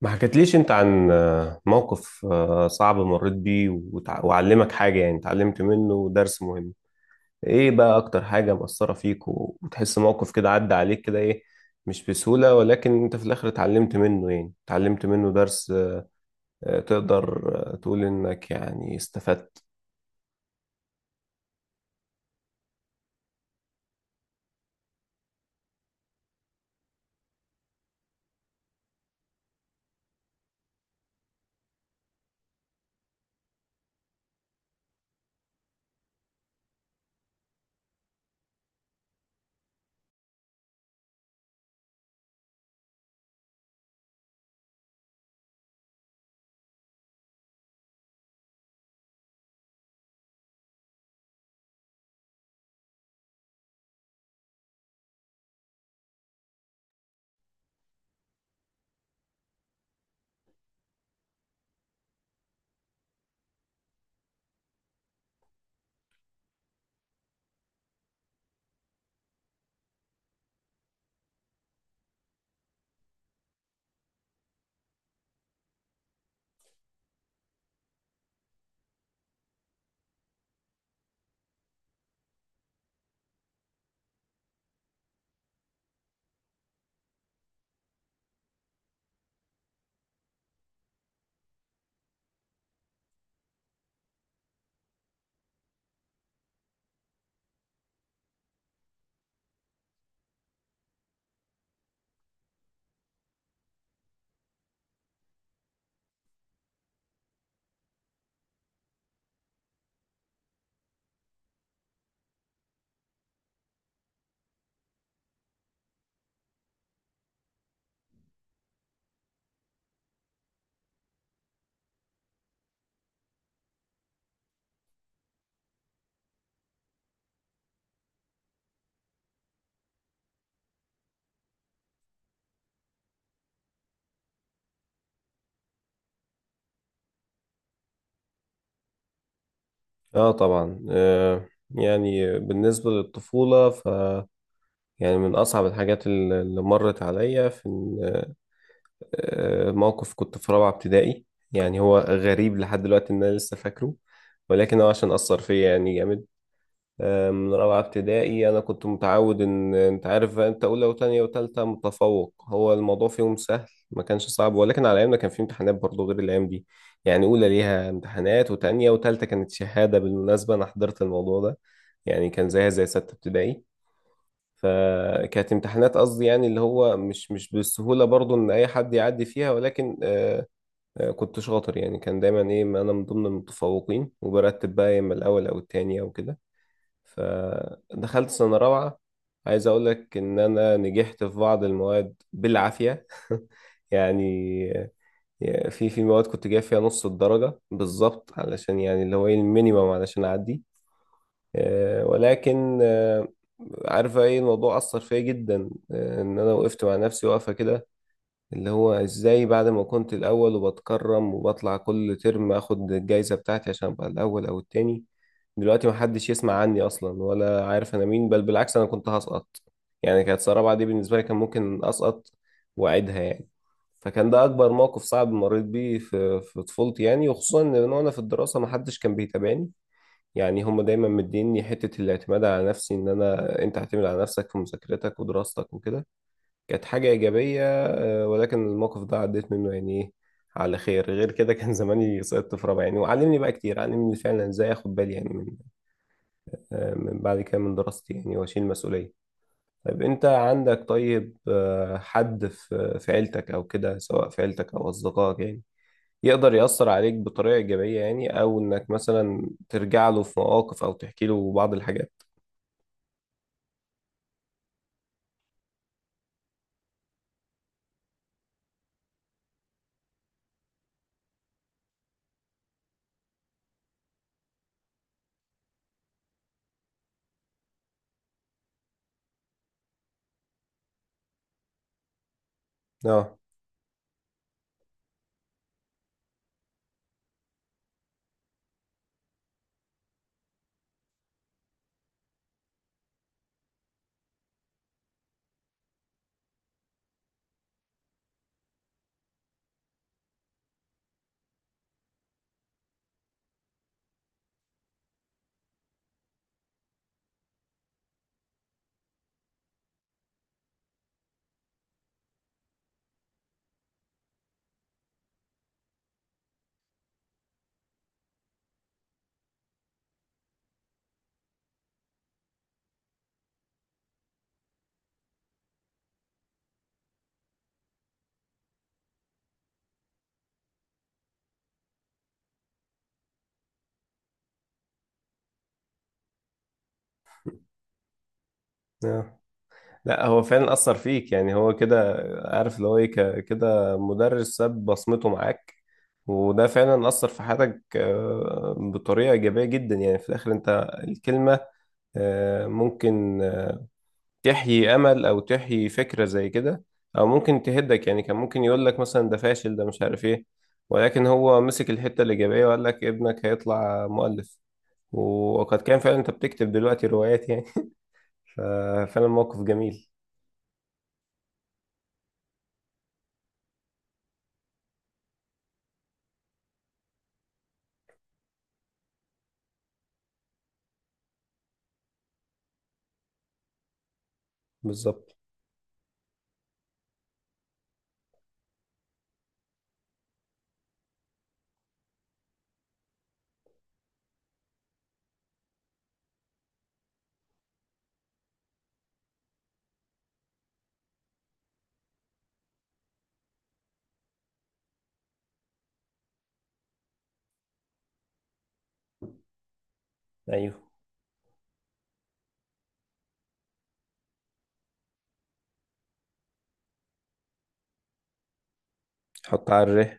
ما حكيتليش انت عن موقف صعب مريت بيه وعلمك حاجة، يعني اتعلمت منه درس مهم؟ ايه بقى اكتر حاجة مأثرة فيك، وتحس موقف كده عدى عليك كده، ايه؟ مش بسهولة، ولكن انت في الاخر اتعلمت منه، يعني اتعلمت منه درس. تقدر تقول انك يعني استفدت؟ اه طبعا، يعني بالنسبة للطفولة، ف يعني من أصعب الحاجات اللي مرت عليا في موقف كنت في رابعة ابتدائي. يعني هو غريب لحد دلوقتي إن أنا لسه فاكره، ولكن هو عشان أثر فيا يعني جامد. من رابعة ابتدائي أنا كنت متعود، إن أنت عارف بقى، أنت أولى وتانية وتالتة متفوق، هو الموضوع فيهم سهل. ما كانش صعب، ولكن على أيامنا كان في امتحانات برضه غير الأيام دي. يعني أولى ليها امتحانات، وتانية وتالتة كانت شهادة، بالمناسبة أنا حضرت الموضوع ده. يعني كان زيها زي ستة ابتدائي. فكانت امتحانات، قصدي يعني اللي هو مش بالسهولة برضو ان اي حد يعدي فيها، ولكن كنت شاطر، يعني كان دايما ايه، ما انا من ضمن المتفوقين وبرتب بقى يا اما الاول او التاني او كده. فدخلت سنة رابعة، عايز اقول لك ان انا نجحت في بعض المواد بالعافية يعني. في مواد كنت جايب فيها نص الدرجة بالظبط، علشان يعني اللي هو ايه، المينيمم علشان اعدي. ولكن عارفة ايه الموضوع أثر فيا جدا، إن أنا وقفت مع نفسي واقفة كده، اللي هو إزاي بعد ما كنت الأول وبتكرم وبطلع كل ترم آخد الجايزة بتاعتي عشان أبقى الأول أو التاني، دلوقتي محدش يسمع عني أصلا ولا عارف أنا مين، بل بالعكس أنا كنت هسقط. يعني كانت سنة رابعة دي بالنسبة لي كان ممكن أسقط وأعيدها يعني. فكان ده أكبر موقف صعب مريت بيه في طفولتي، يعني وخصوصا إن أنا، وأنا في الدراسة محدش كان بيتابعني. يعني هم دايما مديني حتة الاعتماد على نفسي، ان انا، انت اعتمد على نفسك في مذاكرتك ودراستك وكده. كانت حاجة ايجابية، ولكن الموقف ده عديت منه يعني ايه، على خير. غير كده كان زماني سقطت في رابعة يعني، وعلمني بقى كتير، علمني فعلا ازاي اخد بالي يعني من من بعد كده من دراستي، يعني واشيل مسؤولية. طيب انت عندك، طيب حد في عيلتك او كده، سواء في عيلتك او اصدقائك، يعني يقدر يأثر عليك بطريقة إيجابية، يعني أو إنك مثلا ترجع له في مواقف أو تحكي له بعض الحاجات؟ اه، اه، لا هو فعلا اثر فيك يعني، هو كده. عارف اللي هو ايه، كده مدرس ساب بصمته معاك، وده فعلا اثر في حياتك بطريقه ايجابيه جدا. يعني في الاخر انت، الكلمه ممكن تحيي امل او تحيي فكره زي كده، او ممكن تهدك. يعني كان ممكن يقول لك مثلا ده فاشل، ده مش عارف ايه، ولكن هو مسك الحته الايجابيه وقال لك ابنك هيطلع مؤلف، وقد كان فعلا، انت بتكتب دلوقتي روايات يعني. ففعلا موقف جميل. بالظبط. ايوه، حط على الره.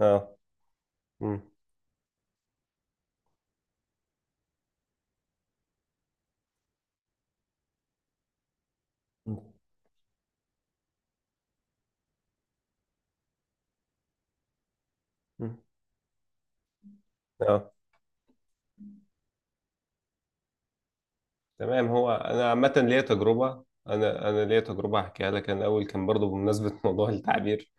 اه. مم. مم. اه، تمام. هو انا عامه ليا تجربه، انا ليا تجربه هحكيها لك. انا الاول كان برضو بمناسبه موضوع التعبير.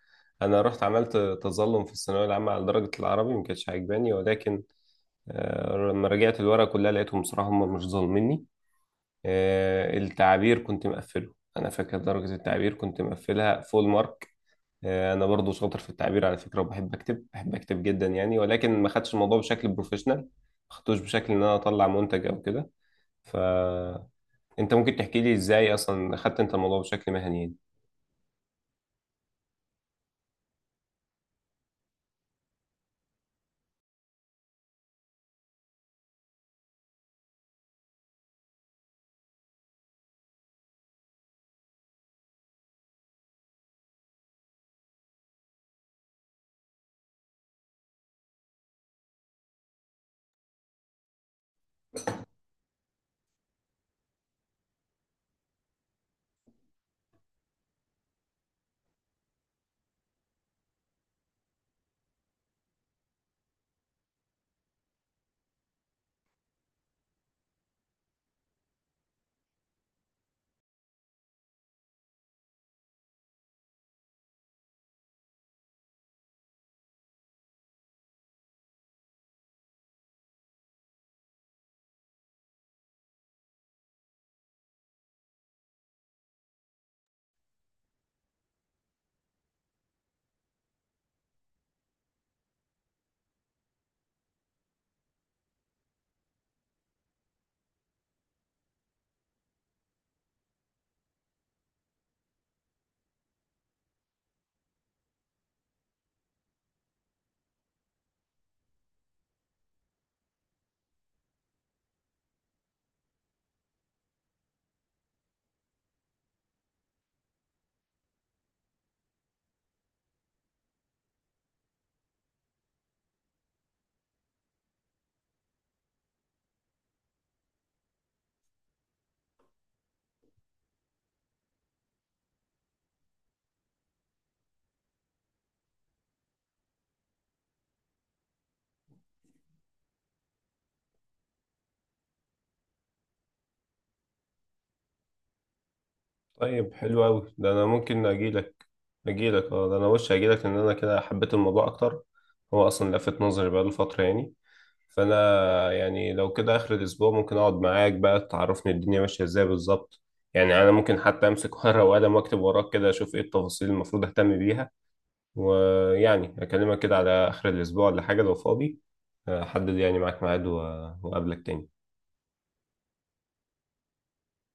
انا رحت عملت تظلم في الثانويه العامه على درجه العربي، ما كانتش عاجباني، ولكن لما رجعت الورقه كلها لقيتهم بصراحه هم مش ظالميني. التعبير كنت مقفله، انا فاكر درجه التعبير كنت مقفلها فول مارك. انا برضو شاطر في التعبير على فكره، وبحب اكتب، بحب اكتب جدا يعني، ولكن ما خدتش الموضوع بشكل بروفيشنال، ما خدتوش بشكل ان انا اطلع منتج او كده. فانت ممكن تحكي لي ازاي اصلا خدت انت الموضوع بشكل مهني يعني؟ طيب، حلو أوي ده، أنا ممكن أجيلك أه، ده أنا وش أجيلك، لأن أنا كده حبيت الموضوع أكتر. هو أصلا لفت نظري بقاله فترة يعني. فانا يعني لو كده اخر الاسبوع ممكن اقعد معاك بقى تعرفني الدنيا ماشيه ازاي بالظبط. يعني انا ممكن حتى امسك ورقه وقلم واكتب وراك كده، اشوف ايه التفاصيل المفروض اهتم بيها. ويعني اكلمك كده على اخر الاسبوع ولا حاجه، لو فاضي احدد يعني معاك ميعاد واقابلك تاني.